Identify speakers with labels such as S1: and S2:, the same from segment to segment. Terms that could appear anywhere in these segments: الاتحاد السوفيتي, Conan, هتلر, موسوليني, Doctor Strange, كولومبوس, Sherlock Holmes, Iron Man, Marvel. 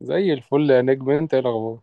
S1: زي الفل يا نجم، انت ايه الاخبار؟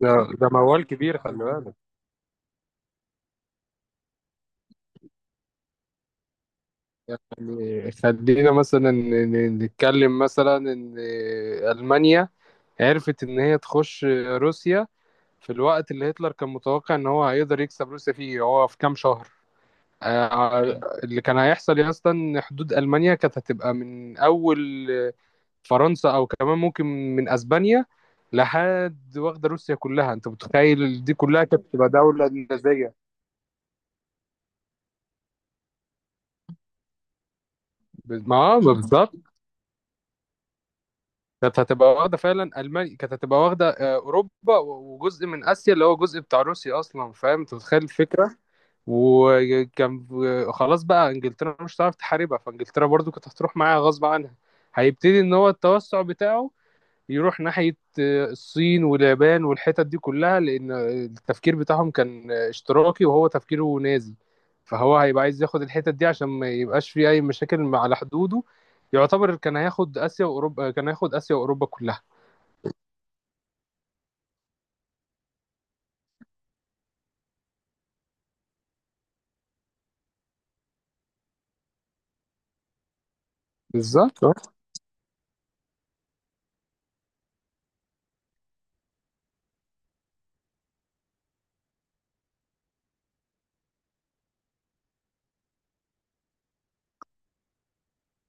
S1: ده ده موال كبير خلي بالك. يعني خلينا مثلا نتكلم مثلا ان المانيا عرفت ان هي تخش روسيا في الوقت اللي هتلر كان متوقع ان هو هيقدر يكسب روسيا فيه هو في كام شهر. آه، اللي كان هيحصل يا اسطى ان حدود المانيا كانت هتبقى من اول فرنسا او كمان ممكن من اسبانيا لحد واخده روسيا كلها. انت متخيل دي كلها كانت تبقى دوله نموذجيه؟ ما ما بالظبط، كانت هتبقى واخده فعلا. المانيا كانت هتبقى واخده اوروبا وجزء من اسيا اللي هو جزء بتاع روسيا اصلا، فاهم؟ انت متخيل الفكره؟ وكان خلاص بقى انجلترا مش هتعرف تحاربها، فانجلترا برضو كانت هتروح معاها غصب عنها. هيبتدي ان هو التوسع بتاعه يروح ناحيه الصين واليابان والحتت دي كلها، لأن التفكير بتاعهم كان اشتراكي وهو تفكيره نازي. فهو هيبقى عايز ياخد الحتت دي عشان ما يبقاش فيه أي مشاكل على حدوده. يعتبر كان هياخد آسيا وأوروبا، كان هياخد آسيا وأوروبا كلها. بالظبط، اه.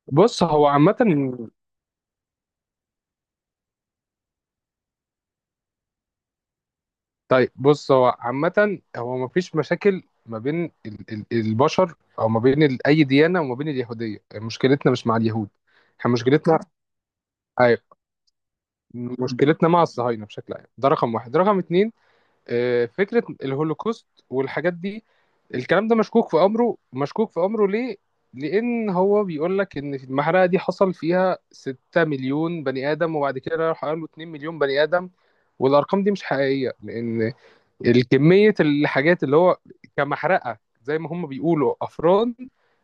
S1: بص هو عامة. طيب بص، هو عامة هو مفيش مشاكل ما بين البشر أو ما بين أي ديانة وما بين اليهودية. مشكلتنا مش مع اليهود، احنا مشكلتنا، أيوة، مشكلتنا مع الصهاينة بشكل عام. ده رقم واحد. رقم اتنين، فكرة الهولوكوست والحاجات دي، الكلام ده مشكوك في أمره، مشكوك في أمره. ليه؟ لأن هو بيقول لك إن في المحرقة دي حصل فيها 6 مليون بني آدم، وبعد كده راح قالوا 2 مليون بني آدم. والأرقام دي مش حقيقية، لأن الكمية الحاجات اللي هو كمحرقة زي ما هم بيقولوا أفران،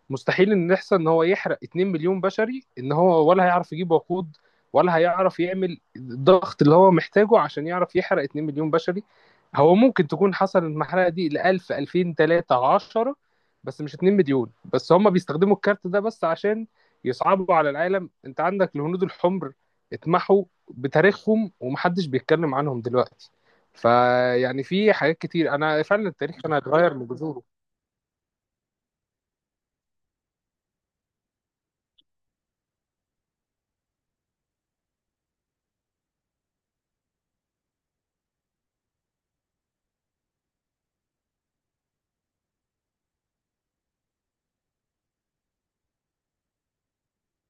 S1: مستحيل إن يحصل إن هو يحرق 2 مليون بشري. إن هو ولا هيعرف يجيب وقود، ولا هيعرف يعمل الضغط اللي هو محتاجه عشان يعرف يحرق 2 مليون بشري. هو ممكن تكون حصل المحرقة دي ل 1000 2000 3 10، بس مش 2 مليون. بس هم بيستخدموا الكارت ده بس عشان يصعبوا على العالم. أنت عندك الهنود الحمر اتمحوا بتاريخهم ومحدش بيتكلم عنهم دلوقتي. فيعني في حاجات كتير، انا فعلا التاريخ انا هيتغير من جذوره.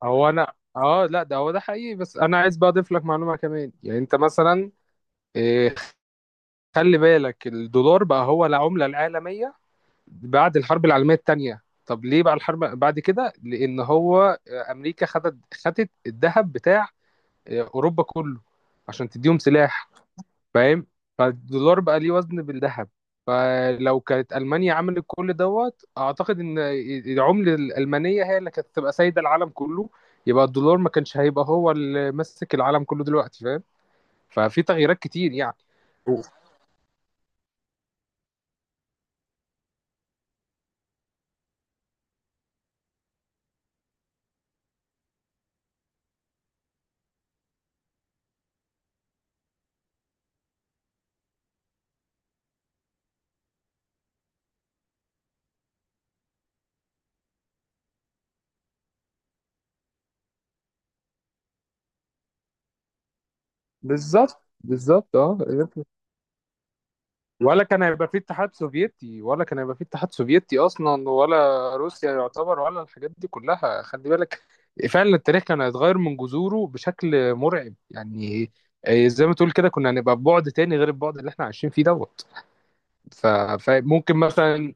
S1: هو انا اه، لا ده هو ده حقيقي، بس انا عايز بقى اضيف لك معلومه كمان. يعني انت مثلا إيه، خلي بالك الدولار بقى هو العمله العالميه بعد الحرب العالميه الثانيه. طب ليه بقى الحرب بعد كده؟ لان هو امريكا خدت الذهب بتاع اوروبا كله عشان تديهم سلاح، فاهم؟ فالدولار بقى ليه وزن بالذهب. فلو كانت ألمانيا عملت كل دوت، أعتقد إن العملة الألمانية هي اللي كانت تبقى سايدة العالم كله. يبقى الدولار ما كانش هيبقى هو اللي ماسك العالم كله دلوقتي، فاهم؟ ففي تغييرات كتير يعني. بالظبط، بالظبط، اه. ولا كان هيبقى في اتحاد سوفيتي، ولا كان هيبقى في اتحاد سوفيتي اصلا، ولا روسيا يعتبر، ولا الحاجات دي كلها. خلي بالك فعلا التاريخ كان هيتغير من جذوره بشكل مرعب يعني. زي ما تقول كده كنا هنبقى ببعد تاني غير البعد اللي احنا عايشين فيه دوت. ف- فممكن مثلا.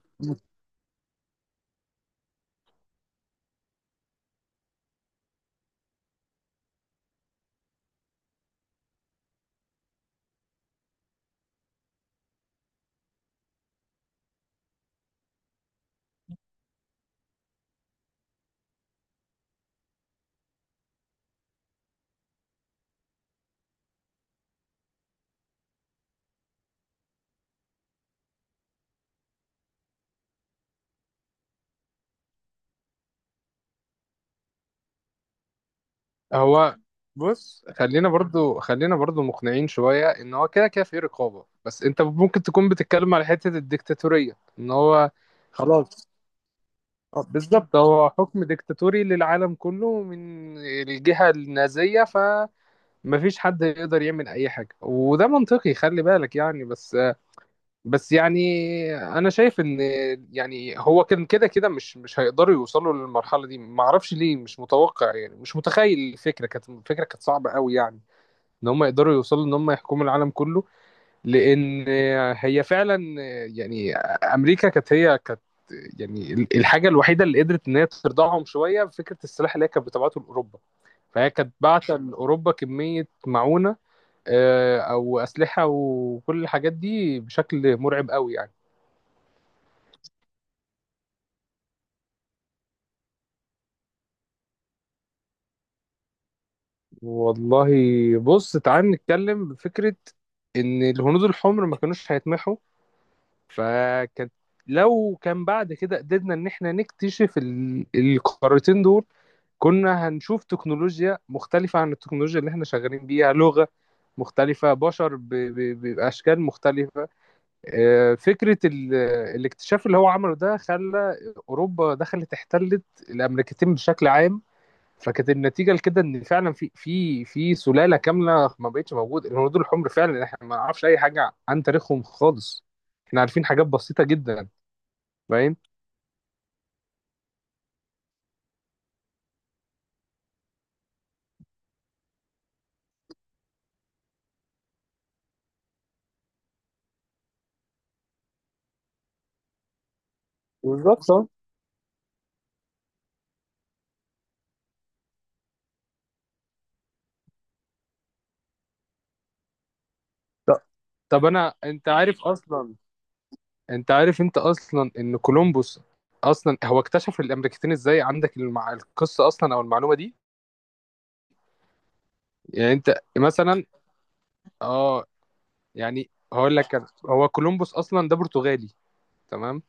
S1: هو بص، خلينا برضو مقنعين شوية ان هو كده كده في رقابة، بس انت ممكن تكون بتتكلم على حتة الديكتاتورية ان هو. خلاص. بالظبط، هو حكم ديكتاتوري للعالم كله من الجهة النازية، فمفيش حد يقدر يعمل أي حاجة. وده منطقي خلي بالك يعني. بس بس يعني أنا شايف إن يعني هو كان كده كده مش هيقدروا يوصلوا للمرحلة دي. معرفش ليه مش متوقع يعني، مش متخيل الفكرة. كانت الفكرة كانت صعبة قوي يعني إن هم يقدروا يوصلوا إن هم يحكموا العالم كله. لان هي فعلا، يعني امريكا كانت هي كانت، يعني الحاجه الوحيده اللي قدرت ان هي ترضعهم شويه فكره السلاح اللي هي كانت بتبعته لاوروبا. فهي كانت باعته لاوروبا كميه معونه او اسلحه وكل الحاجات دي بشكل مرعب قوي يعني. والله بص، تعال نتكلم بفكره ان الهنود الحمر ما كانوش هيتمحوا. فكانت، لو كان بعد كده قدرنا ان احنا نكتشف القارتين دول، كنا هنشوف تكنولوجيا مختلفة عن التكنولوجيا اللي احنا شغالين بيها، لغة مختلفة، بشر بأشكال مختلفة. فكرة الاكتشاف اللي هو عمله ده خلى أوروبا دخلت احتلت الأمريكتين بشكل عام. فكانت النتيجة لكده إن فعلا في سلالة كاملة ما بقتش موجودة. الهنود الحمر فعلا احنا ما نعرفش أي حاجة عن تاريخهم خالص، احنا عارفين حاجات بسيطة جدا. فاهم؟ بالظبط. طب أنا أنت عارف أصلا، انت عارف انت اصلا ان كولومبوس اصلا هو اكتشف الامريكتين ازاي؟ عندك القصه اصلا او المعلومه دي؟ يعني انت مثلا. اه. يعني هقول لك انا، هو كولومبوس اصلا ده برتغالي، تمام؟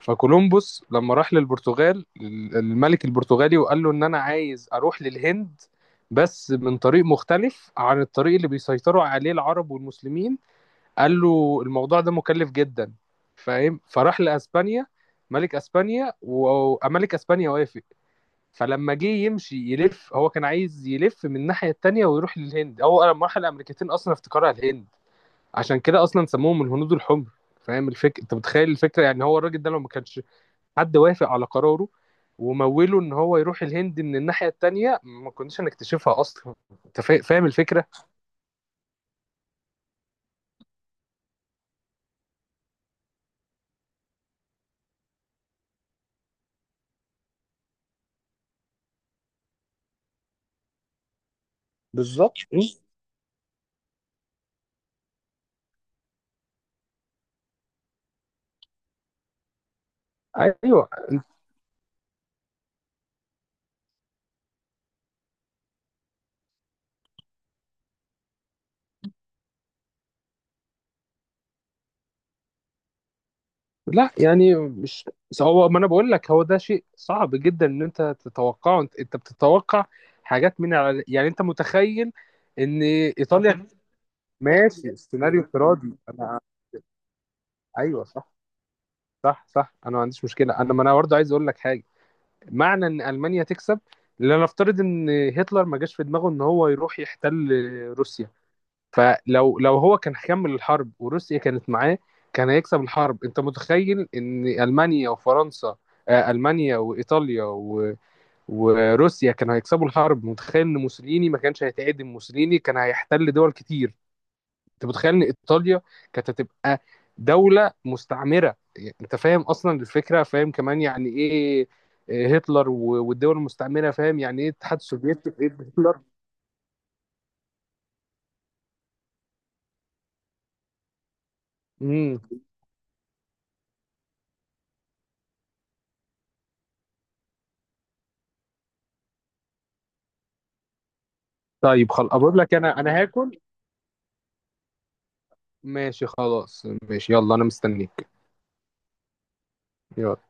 S1: فكولومبوس لما راح للبرتغال، الملك البرتغالي، وقال له ان انا عايز اروح للهند بس من طريق مختلف عن الطريق اللي بيسيطروا عليه العرب والمسلمين. قال له الموضوع ده مكلف جدا، فاهم؟ فراح لاسبانيا، ملك اسبانيا، وملك اسبانيا وافق. فلما جه يمشي يلف، هو كان عايز يلف من الناحيه التانيه ويروح للهند. هو لما راح الامريكتين اصلا افتكرها الهند، عشان كده اصلا سموهم الهنود الحمر، فاهم الفكره؟ انت متخيل الفكره يعني؟ هو الراجل ده لو ما كانش حد وافق على قراره وموله ان هو يروح الهند من الناحيه التانيه، ما كناش هنكتشفها اصلا. انت فاهم الفكره؟ بالظبط، ايوه. لا يعني مش، بس، هو ما انا بقول لك، هو ده شيء صعب جدا ان انت تتوقعه. انت، انت بتتوقع حاجات من على، يعني انت متخيل ان ايطاليا، ماشي سيناريو افتراضي انا. ايوه صح، صح صح. انا ما عنديش مشكله، انا ما انا برضه عايز اقول لك حاجه. معنى ان المانيا تكسب، لنفترض ان هتلر ما جاش في دماغه ان هو يروح يحتل روسيا. فلو لو هو كان هيكمل الحرب وروسيا كانت معاه، كان هيكسب الحرب. انت متخيل ان المانيا وفرنسا، المانيا وايطاليا وروسيا كانوا هيكسبوا الحرب؟ متخيل ان موسوليني ما كانش هيتعدم؟ موسوليني كان هيحتل دول كتير. انت متخيل ان ايطاليا كانت هتبقى دولة مستعمرة؟ يعني انت فاهم اصلا الفكرة؟ فاهم كمان يعني ايه إيه هتلر والدول المستعمرة؟ فاهم يعني ايه الاتحاد السوفيتي ايه هتلر؟ امم. طيب خلاص، اقول لك انا، انا هاكل. ماشي خلاص، ماشي. يلا انا مستنيك. يلا.